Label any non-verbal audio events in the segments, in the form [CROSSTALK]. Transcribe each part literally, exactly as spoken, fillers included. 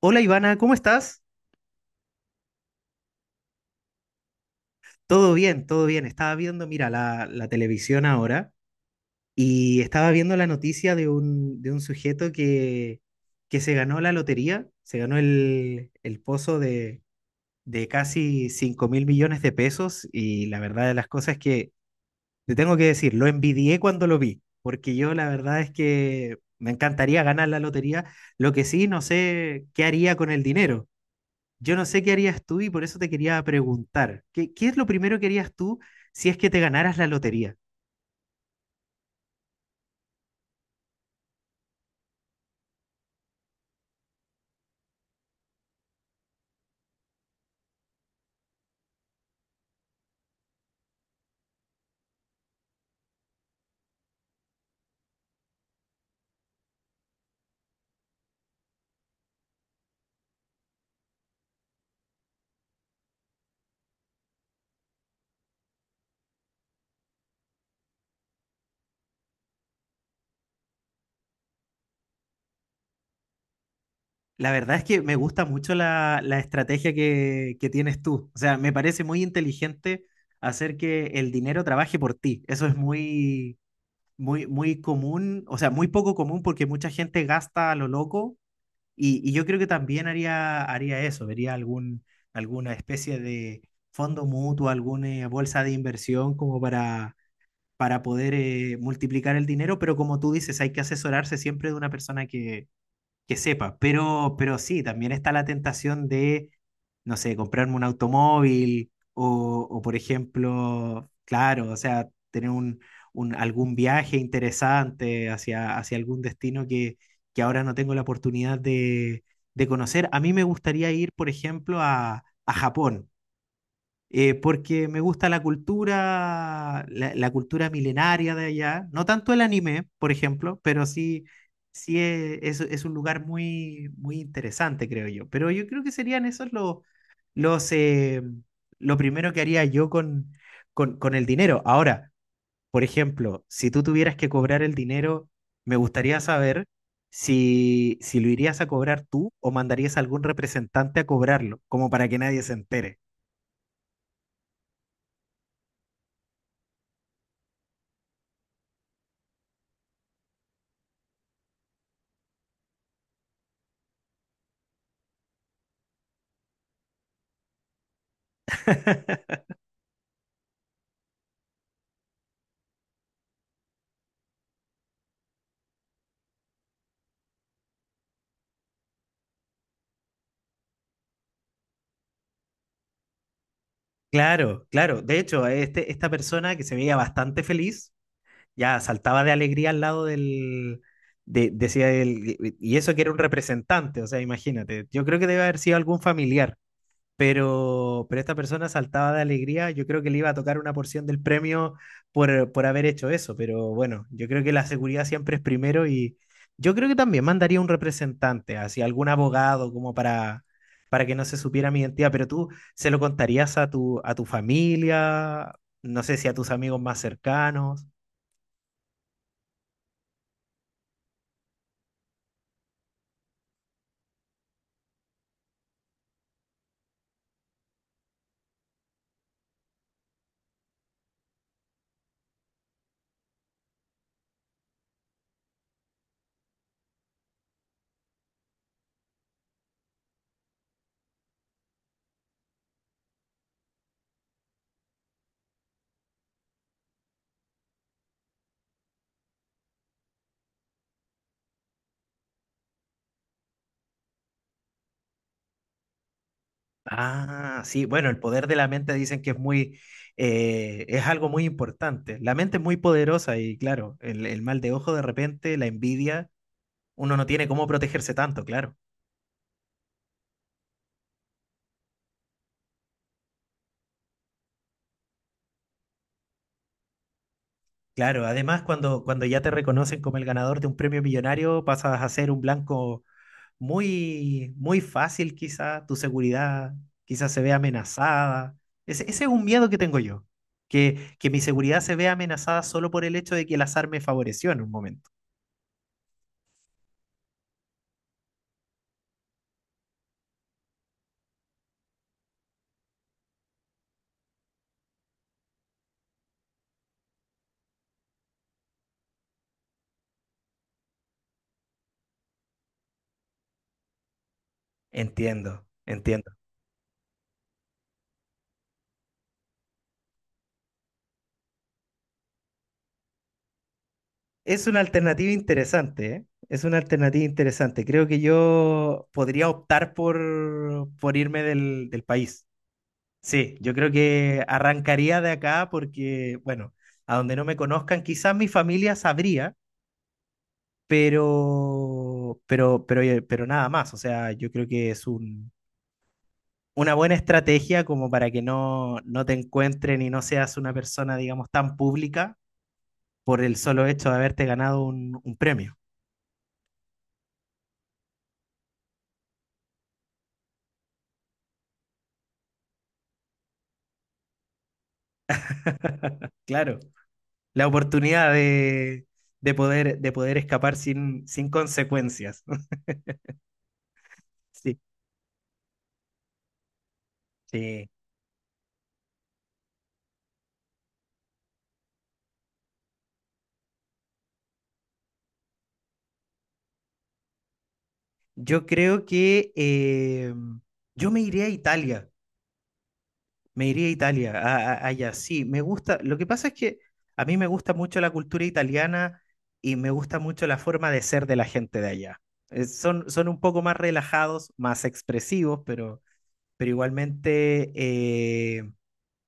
Hola Ivana, ¿cómo estás? Todo bien, todo bien. Estaba viendo, mira, la, la televisión ahora y estaba viendo la noticia de un, de un sujeto que, que se ganó la lotería, se ganó el, el pozo de, de casi cinco mil millones de pesos y la verdad de las cosas es que, te tengo que decir, lo envidié cuando lo vi, porque yo la verdad es que me encantaría ganar la lotería, lo que sí, no sé qué haría con el dinero. Yo no sé qué harías tú y por eso te quería preguntar, ¿qué, qué es lo primero que harías tú si es que te ganaras la lotería? La verdad es que me gusta mucho la, la estrategia que, que tienes tú. O sea, me parece muy inteligente hacer que el dinero trabaje por ti. Eso es muy, muy, muy común, o sea, muy poco común porque mucha gente gasta a lo loco y, y yo creo que también haría, haría eso, vería algún, alguna especie de fondo mutuo, alguna bolsa de inversión como para para poder eh, multiplicar el dinero, pero como tú dices, hay que asesorarse siempre de una persona que, que sepa. Pero, pero sí, también está la tentación de, no sé, comprarme un automóvil o, o, por ejemplo, claro, o sea, tener un, un, algún viaje interesante hacia, hacia algún destino que, que ahora no tengo la oportunidad de, de conocer. A mí me gustaría ir, por ejemplo, a, a Japón, eh, porque me gusta la cultura, la, la cultura milenaria de allá, no tanto el anime, por ejemplo, pero sí, sí e- es, es un lugar muy, muy interesante, creo yo. Pero yo creo que serían esos los, los, eh, lo primero que haría yo con, con, con el dinero. Ahora, por ejemplo, si tú tuvieras que cobrar el dinero, me gustaría saber si, si lo irías a cobrar tú o mandarías a algún representante a cobrarlo, como para que nadie se entere. Claro, claro. De hecho, este, esta persona que se veía bastante feliz, ya saltaba de alegría al lado del, de- decía él, y y eso que era un representante, o sea, imagínate, yo creo que debe haber sido algún familiar, pero, pero esta persona saltaba de alegría. Yo creo que le iba a tocar una porción del premio por, por haber hecho eso, pero bueno, yo creo que la seguridad siempre es primero y yo creo que también mandaría un representante, así algún abogado como para, para que no se supiera mi identidad, pero tú se lo contarías a tu, a tu familia, no sé si a tus amigos más cercanos. Ah, sí, bueno, el poder de la mente dicen que es muy, eh, es algo muy importante. La mente es muy poderosa y claro, el, el mal de ojo de repente, la envidia, uno no tiene cómo protegerse tanto, claro. Claro, además cuando, cuando ya te reconocen como el ganador de un premio millonario, pasas a ser un blanco muy, muy fácil quizá, tu seguridad quizás se ve amenazada. Ese, ese es un miedo que tengo yo, que, que mi seguridad se vea amenazada solo por el hecho de que el azar me favoreció en un momento. Entiendo, entiendo. Es una alternativa interesante, ¿eh? Es una alternativa interesante. Creo que yo podría optar por, por irme del, del país. Sí, yo creo que arrancaría de acá porque, bueno, a donde no me conozcan, quizás mi familia sabría, pero, pero, pero, eh, pero nada más. O sea, yo creo que es un, una buena estrategia como para que no, no te encuentren y no seas una persona, digamos, tan pública por el solo hecho de haberte ganado un un premio. Claro, la oportunidad de, de poder, de poder escapar sin, sin consecuencias. [LAUGHS] Sí, sí. Yo creo que eh, yo me iría a Italia, me iría a Italia, a- a- allá. Sí, me gusta. Lo que pasa es que a mí me gusta mucho la cultura italiana y me gusta mucho la forma de ser de la gente de allá. Eh, son, son un poco más relajados, más expresivos, pero, pero igualmente eh,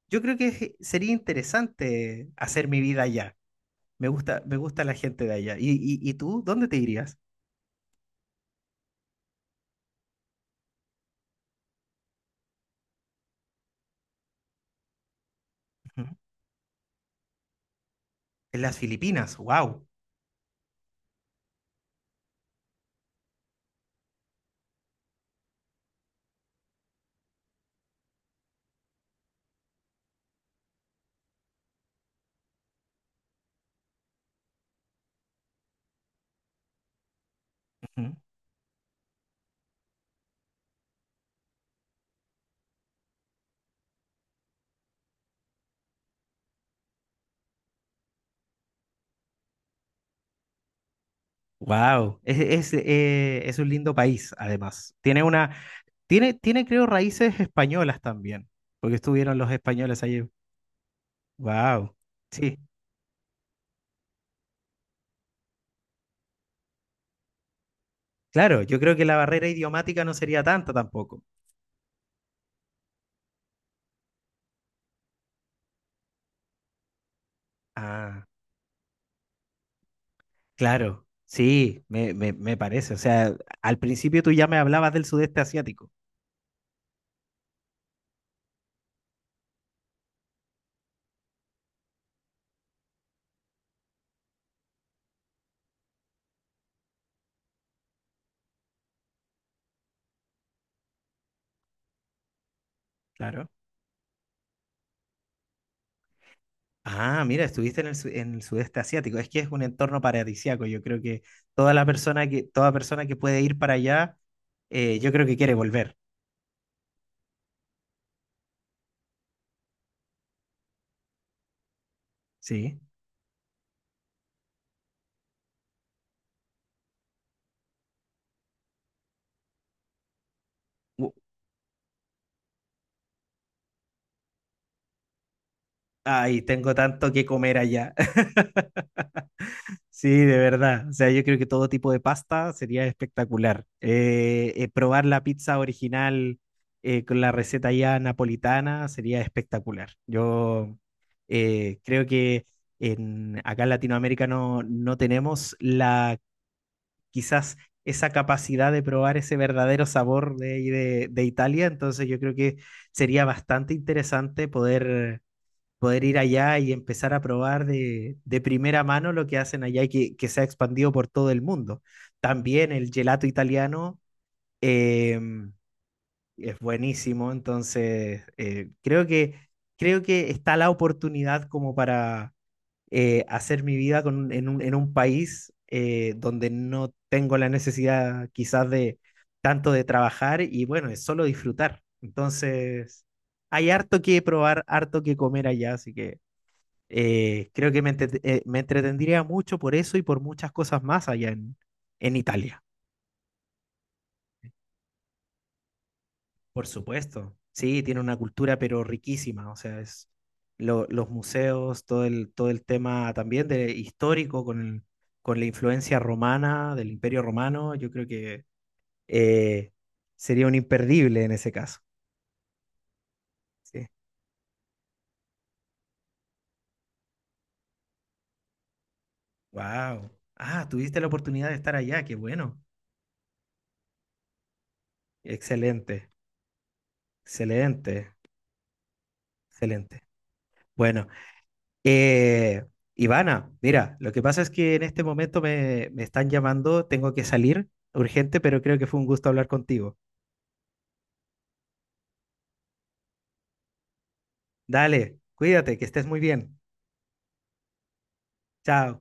yo creo que sería interesante hacer mi vida allá. Me gusta, me gusta la gente de allá. ¿Y, y, y tú, dónde te irías? Ujú. En las Filipinas, wow. Wow, es, es, eh, es un lindo país, además. Tiene una, tiene, tiene, creo, raíces españolas también, porque estuvieron los españoles allí. Wow, sí, claro, yo creo que la barrera idiomática no sería tanta tampoco. Ah, claro, sí, me, me, me parece. O sea, al principio tú ya me hablabas del sudeste asiático, claro. Ah, mira, estuviste en el, su- en el sudeste asiático. Es que es un entorno paradisíaco. Yo creo que toda la persona que, toda persona que puede ir para allá, eh, yo creo que quiere volver. Sí. Uh, ay, tengo tanto que comer allá. [LAUGHS] Sí, de verdad. O sea, yo creo que todo tipo de pasta sería espectacular. Eh, eh, probar la pizza original, eh, con la receta ya napolitana sería espectacular. Yo eh, creo que en, acá en Latinoamérica no, no tenemos la quizás esa capacidad de probar ese verdadero sabor de, de, de Italia, entonces yo creo que sería bastante interesante poder, poder ir allá y empezar a probar de, de primera mano lo que hacen allá y que, que, se ha expandido por todo el mundo. También el gelato italiano, eh, es buenísimo, entonces eh, creo que creo que está la oportunidad como para, eh, hacer mi vida con, en, un, en un país, eh, donde no tengo la necesidad quizás de tanto de trabajar y bueno, es solo disfrutar. Entonces, hay harto que probar, harto que comer allá, así que eh, creo que me, entre- eh, me entretendría mucho por eso y por muchas cosas más allá en, en Italia. Por supuesto. Sí, tiene una cultura pero riquísima, o sea, es lo- los museos, todo el, todo el tema también de histórico con el- con la influencia romana, del Imperio Romano, yo creo que eh, sería un imperdible en ese caso. Sí. Wow. Ah, tuviste la oportunidad de estar allá, qué bueno. Excelente, excelente, excelente. Bueno, Eh, Ivana, mira, lo que pasa es que en este momento me, me están llamando, tengo que salir urgente, pero creo que fue un gusto hablar contigo. Dale, cuídate, que estés muy bien. Chao.